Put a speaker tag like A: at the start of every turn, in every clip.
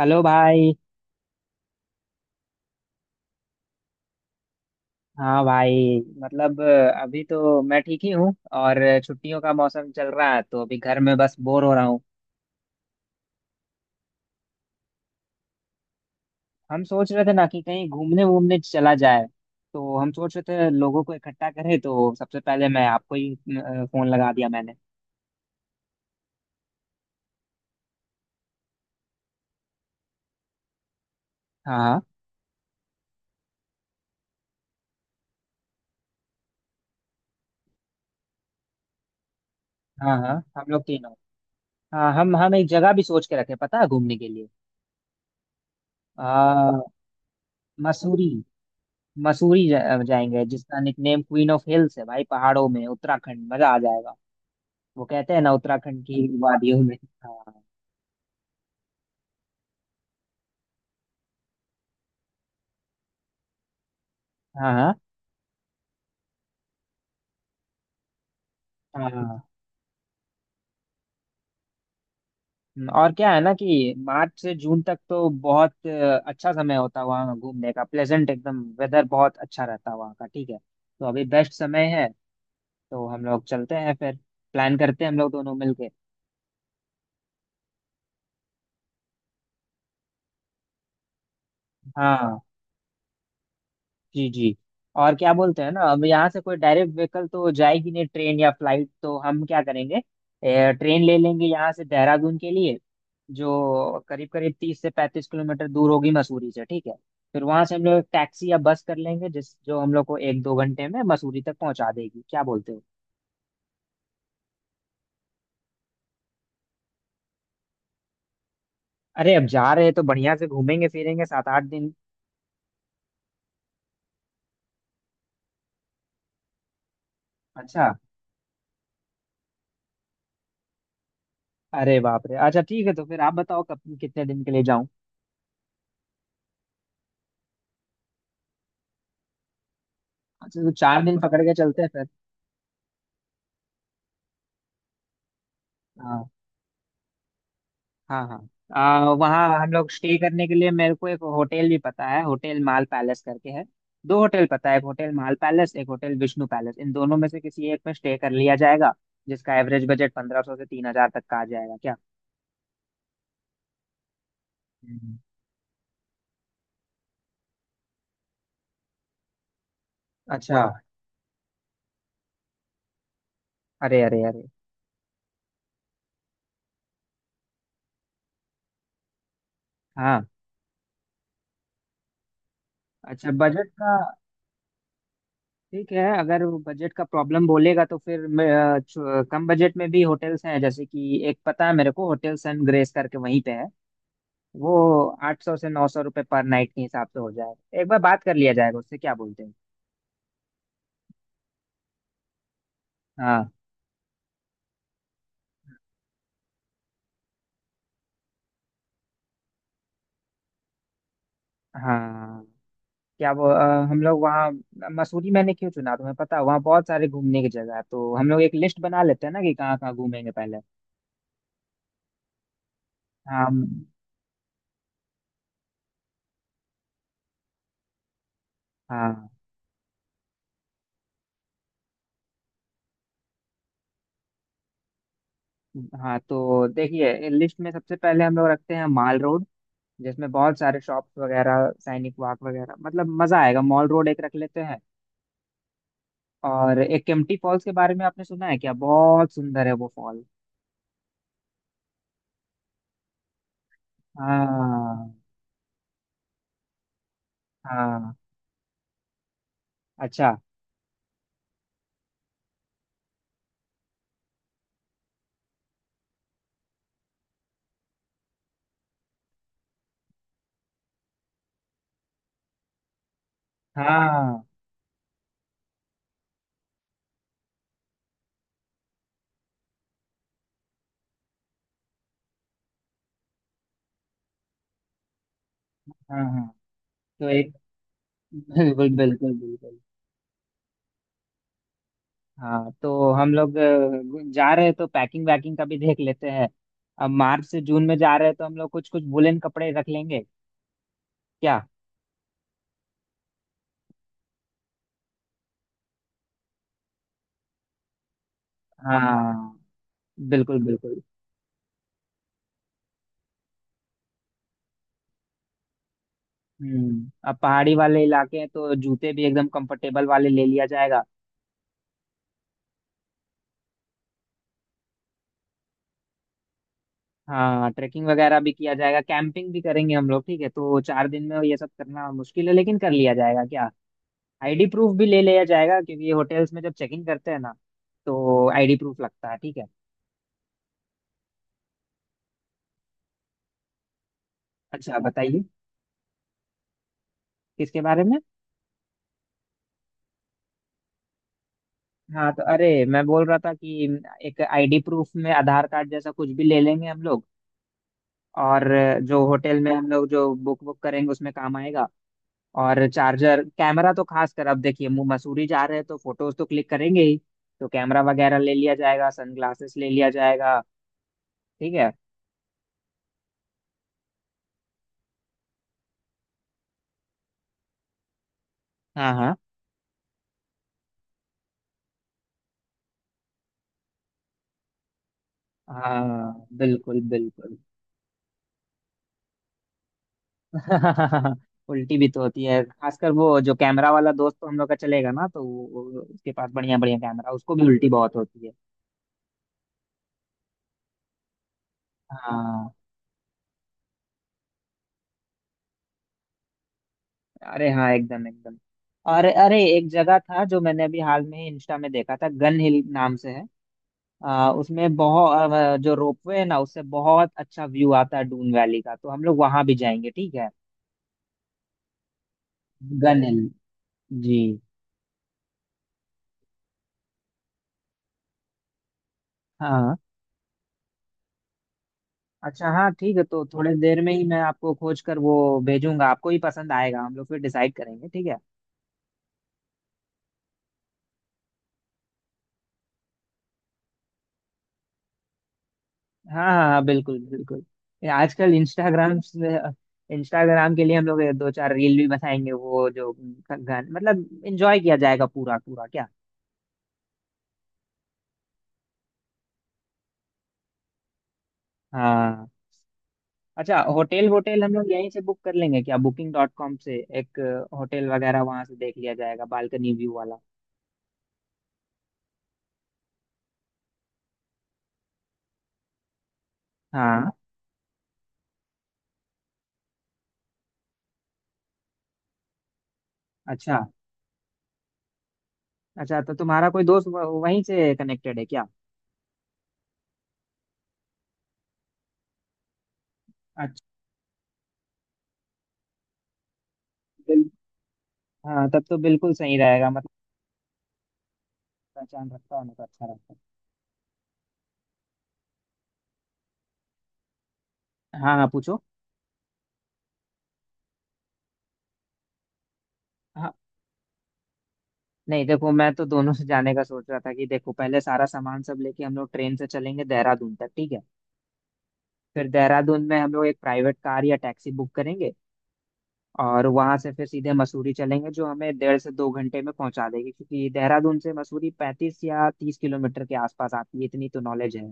A: Hello भाई। हाँ भाई, मतलब अभी तो मैं ठीक ही हूँ। और छुट्टियों का मौसम चल रहा है तो अभी घर में बस बोर हो रहा हूँ। हम सोच रहे थे ना कि कहीं घूमने वूमने चला जाए। तो हम सोच रहे थे लोगों को इकट्ठा करें तो सबसे पहले मैं आपको ही फोन लगा दिया मैंने। हाँ हाँ हाँ हाँ, हम लोग तीनों। हाँ, हम एक जगह भी सोच के रखे, पता है घूमने के लिए। आ, मसूरी। मसूरी जाएंगे, जिसका निकनेम क्वीन ऑफ हिल्स है भाई। पहाड़ों में उत्तराखंड, मजा आ जाएगा। वो कहते हैं ना उत्तराखंड की वादियों में। हाँ हाँ हाँ हाँ। और क्या है ना कि मार्च से जून तक तो बहुत अच्छा समय होता है वहाँ घूमने का। प्लेजेंट एकदम, वेदर बहुत अच्छा रहता है वहाँ का। ठीक है, तो अभी बेस्ट समय है। तो हम लोग चलते हैं फिर। प्लान करते हैं हम लोग दोनों मिलके। हाँ, जी जी। और क्या बोलते हैं ना, अब यहाँ से कोई डायरेक्ट व्हीकल तो जाएगी नहीं, ट्रेन या फ्लाइट, तो हम क्या करेंगे? ट्रेन ले लेंगे यहाँ से देहरादून के लिए, जो करीब करीब 30 से 35 किलोमीटर दूर होगी मसूरी से। ठीक है, फिर वहां से हम लोग एक टैक्सी या बस कर लेंगे, जिस जो हम लोग को एक दो घंटे में मसूरी तक पहुंचा देगी। क्या बोलते हो? अरे, अब जा रहे हैं तो बढ़िया से घूमेंगे फिरेंगे, 7 8 दिन। अच्छा। अरे बाप रे, अच्छा ठीक है, तो फिर आप बताओ कब कितने दिन के लिए जाऊं? अच्छा, तो 4 दिन पकड़ के चलते हैं फिर। हाँ हाँ हाँ। वहाँ हम लोग स्टे करने के लिए मेरे को एक होटल भी पता है, होटल माल पैलेस करके है। दो होटल पता है, एक होटल माल पैलेस, एक होटल विष्णु पैलेस, इन दोनों में से किसी एक में स्टे कर लिया जाएगा। जिसका एवरेज बजट 1500 से 3000 तक का आ जाएगा, क्या? हम्म। अच्छा। अरे अरे अरे। हाँ। अच्छा, बजट का। ठीक है, अगर बजट का प्रॉब्लम बोलेगा तो फिर कम बजट में भी होटल्स हैं, जैसे कि एक पता है मेरे को, होटल सन ग्रेस करके, वहीं पे है वो। 800 से 900 रुपये पर नाइट के हिसाब से हो जाएगा। एक बार बात कर लिया जाएगा उससे, क्या बोलते हैं? हाँ हाँ। क्या वो हम लोग वहाँ मसूरी मैंने क्यों चुना तुम्हें पता है, वहाँ बहुत सारे घूमने की जगह है। तो हम लोग एक लिस्ट बना लेते हैं ना कि कहाँ कहाँ घूमेंगे पहले। हाँ हाँ हाँ। तो देखिए, लिस्ट में सबसे पहले हम लोग रखते हैं माल रोड, जिसमें बहुत सारे शॉप्स वगैरह, सैनिक वाक वगैरह, मतलब मजा आएगा। मॉल रोड एक रख लेते हैं। और एक केम्प्टी फॉल्स के बारे में आपने सुना है क्या? बहुत सुंदर है वो फॉल। हाँ हाँ। अच्छा। हाँ हाँ हाँ। तो एक बिल्कुल बिल्कुल बिल्कुल। हाँ, तो हम लोग जा रहे हैं तो पैकिंग वैकिंग का भी देख लेते हैं। अब मार्च से जून में जा रहे हैं तो हम लोग कुछ कुछ वुलन कपड़े रख लेंगे, क्या? हाँ, बिल्कुल बिल्कुल। अब पहाड़ी वाले इलाके हैं तो जूते भी एकदम कंफर्टेबल वाले ले लिया जाएगा। हाँ, ट्रैकिंग वगैरह भी किया जाएगा, कैंपिंग भी करेंगे हम लोग। ठीक है, तो 4 दिन में ये सब करना मुश्किल है, लेकिन कर लिया जाएगा, क्या? आईडी प्रूफ भी ले लिया जाएगा क्योंकि ये होटल्स में जब चेकिंग करते हैं ना, तो आईडी प्रूफ लगता है, ठीक है। अच्छा, बताइए। किसके बारे में? हाँ, तो अरे मैं बोल रहा था कि एक आईडी प्रूफ में आधार कार्ड जैसा कुछ भी ले लेंगे हम लोग। और जो होटल में हम लोग जो बुक बुक करेंगे उसमें काम आएगा। और चार्जर, कैमरा तो खास कर, अब देखिए मसूरी जा रहे हैं तो फोटोज तो क्लिक करेंगे ही। तो कैमरा वगैरह ले लिया जाएगा, सनग्लासेस ले लिया जाएगा। ठीक है। हाँ हाँ हाँ, बिल्कुल बिल्कुल। उल्टी भी तो होती है, खासकर वो जो कैमरा वाला दोस्त तो हम लोग का चलेगा ना, तो उसके पास बढ़िया बढ़िया कैमरा, उसको भी उल्टी बहुत होती है। हाँ अरे हाँ, एकदम एकदम। और अरे एक जगह था जो मैंने अभी हाल में ही इंस्टा में देखा था, गन हिल नाम से है। उसमें बहुत जो रोपवे है ना, उससे बहुत अच्छा व्यू आता है डून वैली का। तो हम लोग वहां भी जाएंगे, ठीक है। गन हिल। जी। हाँ। अच्छा हाँ ठीक है, तो थोड़े देर में ही मैं आपको खोज कर वो भेजूंगा, आपको ही पसंद आएगा, हम लोग फिर डिसाइड करेंगे, ठीक है। हाँ हाँ हाँ, बिल्कुल बिल्कुल। ये आजकल इंस्टाग्राम के लिए हम लोग ये दो चार रील भी बनाएंगे, वो जो गाने, मतलब एंजॉय किया जाएगा पूरा पूरा, क्या? हाँ। अच्छा, होटल वोटेल हम लोग यहीं से बुक कर लेंगे क्या, बुकिंग डॉट कॉम से एक होटल वगैरह? वहां से देख लिया जाएगा बालकनी व्यू वाला। हाँ, अच्छा। अच्छा, तो तुम्हारा कोई दोस्त वहीं से कनेक्टेड है क्या? अच्छा। हाँ, तब तो बिल्कुल सही रहेगा, मतलब पहचान रखता होने तो अच्छा रहता है। हाँ हाँ, पूछो। हाँ, नहीं देखो, मैं तो दोनों से जाने का सोच रहा था कि देखो, पहले सारा सामान सब लेके हम लोग ट्रेन से चलेंगे देहरादून तक, ठीक है। फिर देहरादून में हम लोग एक प्राइवेट कार या टैक्सी बुक करेंगे। और वहां से फिर सीधे मसूरी चलेंगे, जो हमें 1.5 से 2 घंटे में पहुंचा देगी, क्योंकि देहरादून से मसूरी 35 या 30 किलोमीटर के आसपास आती है, इतनी तो नॉलेज है।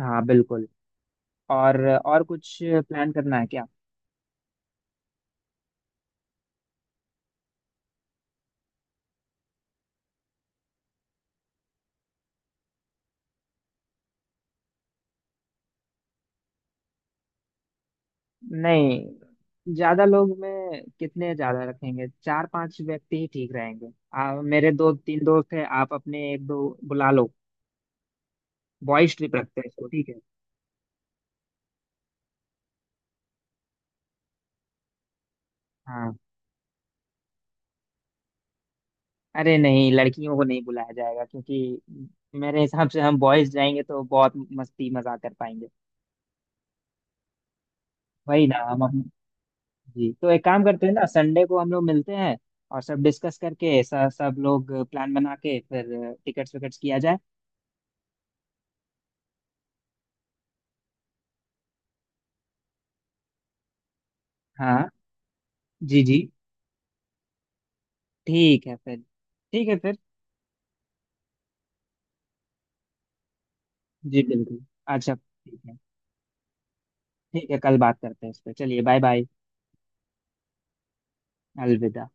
A: हाँ, बिल्कुल। और कुछ प्लान करना है क्या? नहीं, ज्यादा लोग में कितने ज्यादा रखेंगे, चार पांच व्यक्ति ही ठीक रहेंगे। मेरे दो तीन दोस्त हैं, आप अपने एक दो बुला लो। बॉयज ट्रिप रखते हैं इसको, ठीक है। हाँ अरे, नहीं, लड़कियों को नहीं बुलाया जाएगा क्योंकि मेरे हिसाब से हम बॉयज जाएंगे तो बहुत मस्ती मजाक कर पाएंगे। वही ना हम अपने, जी तो एक काम करते हैं ना, संडे को हम लोग मिलते हैं और सब डिस्कस करके सब सब लोग प्लान बना के फिर टिकट्स विकट्स किया जाए। हाँ, जी जी। ठीक है फिर, ठीक है फिर। जी, बिल्कुल। अच्छा ठीक है, ठीक है, कल बात करते हैं इस पे। चलिए, बाय बाय। अलविदा।